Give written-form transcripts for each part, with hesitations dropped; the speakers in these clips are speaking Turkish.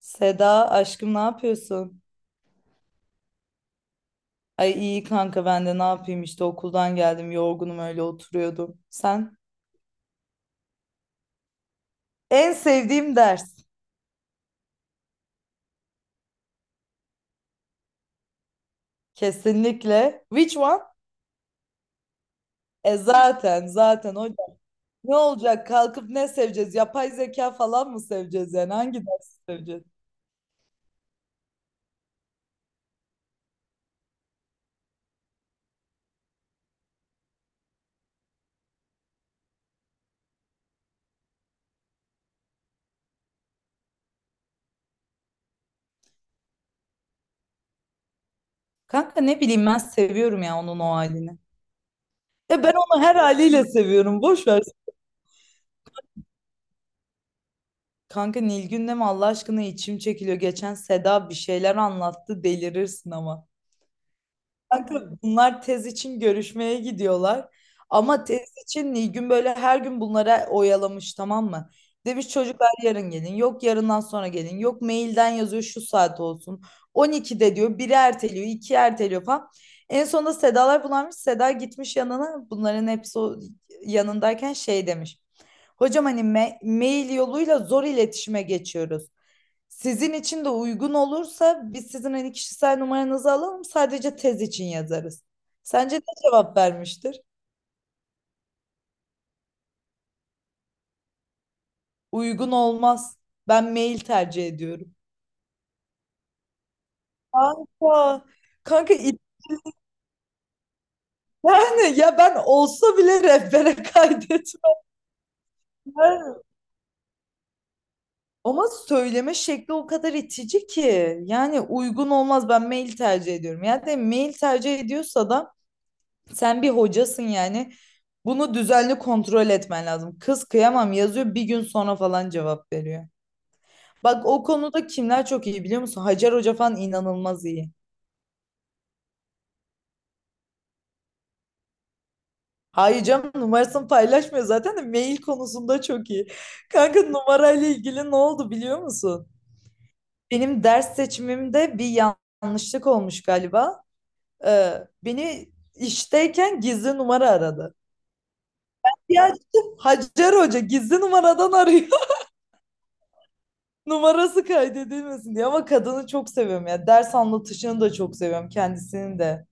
Seda aşkım ne yapıyorsun? Ay iyi kanka ben de ne yapayım işte okuldan geldim yorgunum öyle oturuyordum. Sen? En sevdiğim ders kesinlikle. Which one? E zaten hocam. Ne olacak kalkıp ne seveceğiz? Yapay zeka falan mı seveceğiz yani? Hangi dersi seveceğiz? Kanka ne bileyim ben seviyorum ya onun o halini. E ben onu her haliyle seviyorum boş ver. Kanka Nilgün'le mi Allah aşkına içim çekiliyor. Geçen Seda bir şeyler anlattı delirirsin ama. Kanka bunlar tez için görüşmeye gidiyorlar. Ama tez için Nilgün böyle her gün bunlara oyalamış tamam mı? Demiş çocuklar yarın gelin. Yok yarından sonra gelin. Yok mailden yazıyor şu saat olsun. 12'de diyor. Biri erteliyor. İki erteliyor falan. En sonunda Sedalar bulanmış. Seda gitmiş yanına. Bunların hepsi o yanındayken şey demiş. Hocam hani mail yoluyla zor iletişime geçiyoruz. Sizin için de uygun olursa biz sizin hani kişisel numaranızı alalım sadece tez için yazarız. Sence ne cevap vermiştir? Uygun olmaz. Ben mail tercih ediyorum. Kanka, kanka, yani ya ben olsa bile rehbere kaydetmem. Ama söyleme şekli o kadar itici ki. Yani uygun olmaz ben mail tercih ediyorum. Yani de mail tercih ediyorsa da sen bir hocasın yani. Bunu düzenli kontrol etmen lazım. Kız kıyamam yazıyor bir gün sonra falan cevap veriyor. Bak o konuda kimler çok iyi biliyor musun? Hacer Hoca falan inanılmaz iyi. Hayır canım numarasını paylaşmıyor zaten de mail konusunda çok iyi. Kanka numarayla ilgili ne oldu biliyor musun? Benim ders seçimimde bir yanlışlık olmuş galiba. Ee, beni işteyken gizli numara aradı. Ya Hacer Hoca gizli numaradan arıyor. Numarası kaydedilmesin diye ama kadını çok seviyorum ya. Ders anlatışını da çok seviyorum kendisini de.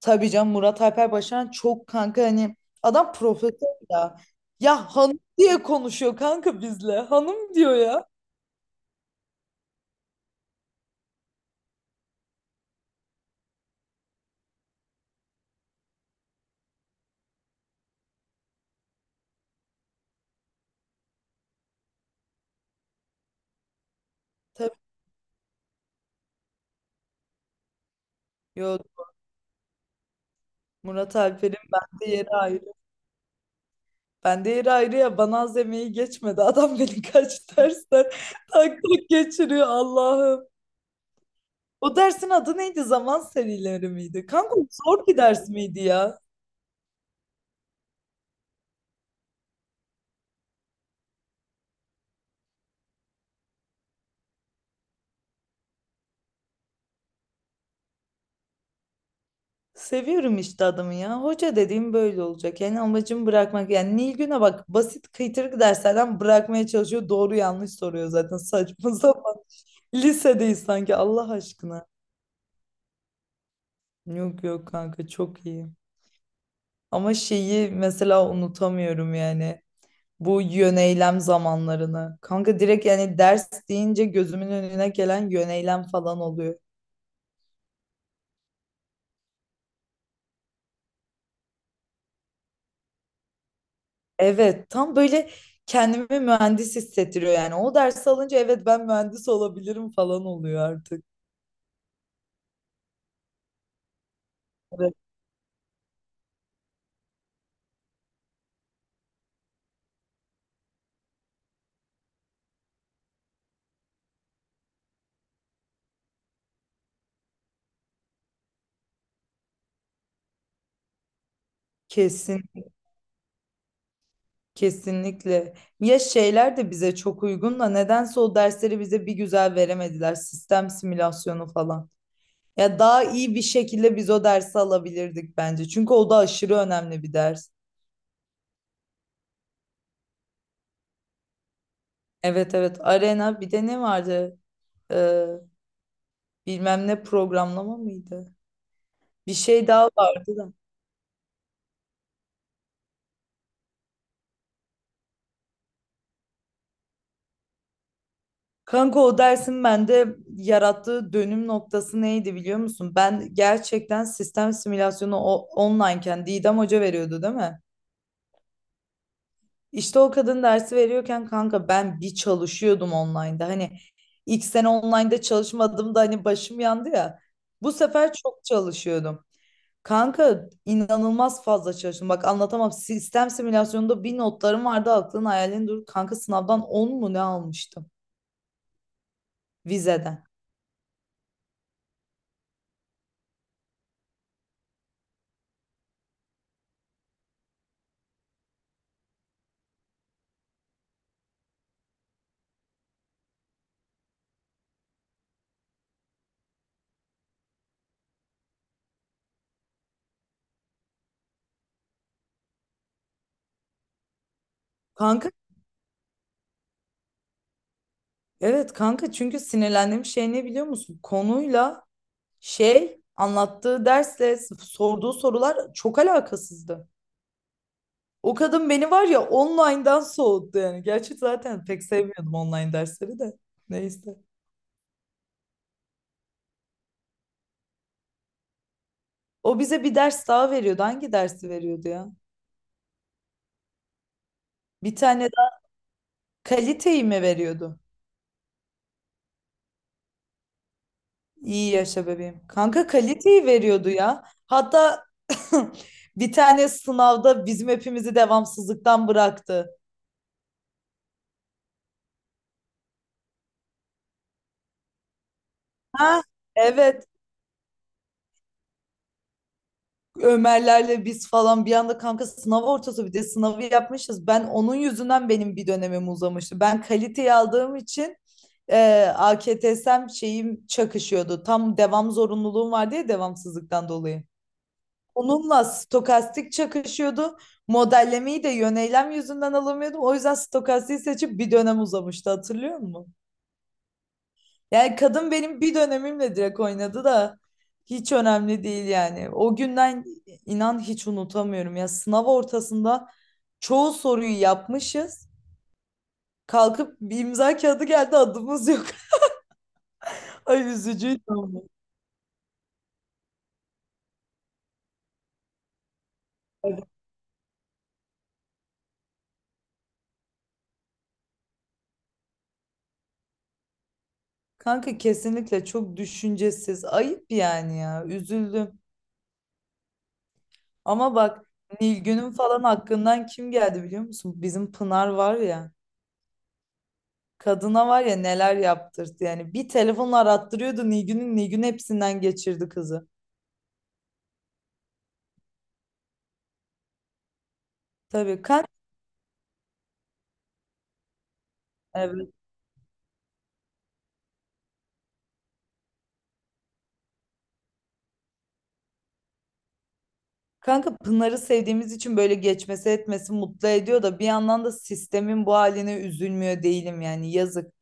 Tabii canım Murat Alper Başaran çok kanka hani adam profesör ya. Ya hanım diye konuşuyor kanka bizle. Hanım diyor ya. Tabii, yok. Murat Alper'in bende yeri ayrı. Bende yeri ayrı ya bana az emeği geçmedi. Adam beni kaç dersten tak tak geçiriyor Allah'ım. O dersin adı neydi? Zaman serileri miydi? Kanka zor bir ders miydi ya? Seviyorum işte adamı ya. Hoca dediğim böyle olacak. Yani amacım bırakmak. Yani Nilgün'e bak basit kıytırık derslerden bırakmaya çalışıyor. Doğru yanlış soruyor zaten saçma sapan. Lisedeyiz sanki Allah aşkına. Yok yok kanka çok iyi. Ama şeyi mesela unutamıyorum yani. Bu yöneylem zamanlarını. Kanka direkt yani ders deyince gözümün önüne gelen yöneylem falan oluyor. Evet, tam böyle kendimi mühendis hissettiriyor yani. O dersi alınca evet ben mühendis olabilirim falan oluyor artık. Evet. Kesin, kesinlikle. Ya şeyler de bize çok uygun da nedense o dersleri bize bir güzel veremediler. Sistem simülasyonu falan. Ya daha iyi bir şekilde biz o dersi alabilirdik bence. Çünkü o da aşırı önemli bir ders. Evet evet. Arena bir de ne vardı? Ee, bilmem ne programlama mıydı? Bir şey daha vardı da. Kanka o dersin bende yarattığı dönüm noktası neydi biliyor musun? Ben gerçekten sistem simülasyonu online'ken Didem Hoca veriyordu değil mi? İşte o kadın dersi veriyorken kanka ben bir çalışıyordum online'da. Hani ilk sene online'da çalışmadım da hani başım yandı ya. Bu sefer çok çalışıyordum. Kanka inanılmaz fazla çalıştım. Bak anlatamam. Sistem simülasyonunda bir notlarım vardı aklın hayalin dur. Kanka sınavdan 10 mu ne almıştım vizeden. Kanka evet kanka çünkü sinirlendiğim şey ne biliyor musun? Konuyla şey anlattığı dersle sorduğu sorular çok alakasızdı. O kadın beni var ya online'dan soğuttu yani. Gerçi zaten pek sevmiyordum online dersleri de. Neyse. O bize bir ders daha veriyordu. Hangi dersi veriyordu ya? Bir tane daha kaliteyi mi veriyordu? İyi yaşa bebeğim. Kanka kaliteyi veriyordu ya. Hatta bir tane sınavda bizim hepimizi devamsızlıktan bıraktı. Ha? Evet. Ömerlerle biz falan bir anda kanka sınav ortası bir de sınavı yapmışız. Ben onun yüzünden benim bir dönemim uzamıştı. Ben kaliteyi aldığım için AKTS'm şeyim çakışıyordu. Tam devam zorunluluğum vardı ya devamsızlıktan dolayı. Onunla stokastik çakışıyordu. Modellemeyi de yöneylem yüzünden alamıyordum. O yüzden stokastiği seçip bir dönem uzamıştı hatırlıyor musun? Yani kadın benim bir dönemimle direkt oynadı da hiç önemli değil yani. O günden inan hiç unutamıyorum ya. Sınav ortasında çoğu soruyu yapmışız. Kalkıp bir imza kağıdı geldi adımız yok. Ay üzücüydü ama. Kanka kesinlikle çok düşüncesiz. Ayıp yani ya. Üzüldüm. Ama bak Nilgün'ün falan hakkından kim geldi biliyor musun? Bizim Pınar var ya. Kadına var ya neler yaptırdı yani. Bir telefonla arattırıyordu Nilgün'ün. Nilgün hepsinden geçirdi kızı. Tabii kanka, evet. Kanka Pınar'ı sevdiğimiz için böyle geçmesi etmesi mutlu ediyor da bir yandan da sistemin bu haline üzülmüyor değilim yani yazık.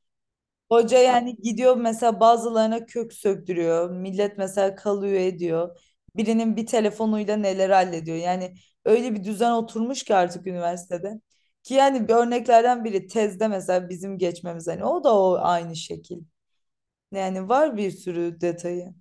Hoca yani gidiyor mesela bazılarına kök söktürüyor. Millet mesela kalıyor ediyor. Birinin bir telefonuyla neler hallediyor. Yani öyle bir düzen oturmuş ki artık üniversitede. Ki yani bir örneklerden biri tezde mesela bizim geçmemiz hani o da o aynı şekil. Yani var bir sürü detayı.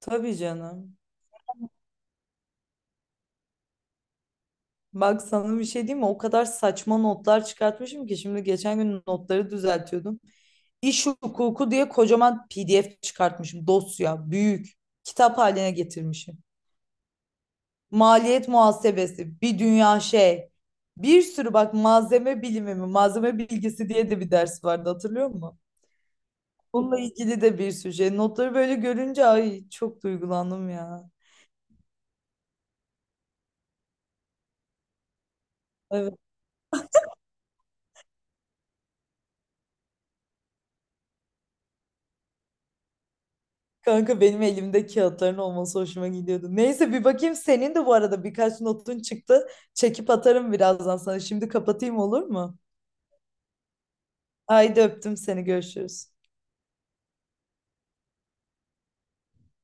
Tabii canım. Bak sana bir şey diyeyim mi? O kadar saçma notlar çıkartmışım ki şimdi geçen gün notları düzeltiyordum. İş hukuku diye kocaman PDF çıkartmışım. Dosya, büyük. Kitap haline getirmişim. Maliyet muhasebesi, bir dünya şey. Bir sürü bak malzeme bilimi mi, malzeme bilgisi diye de bir ders vardı hatırlıyor musun? Bununla ilgili de bir sürü şey. Notları böyle görünce ay çok duygulandım ya. Evet. Kanka benim elimde kağıtların olması hoşuma gidiyordu. Neyse bir bakayım senin de bu arada birkaç notun çıktı. Çekip atarım birazdan sana. Şimdi kapatayım olur mu? Haydi öptüm seni görüşürüz.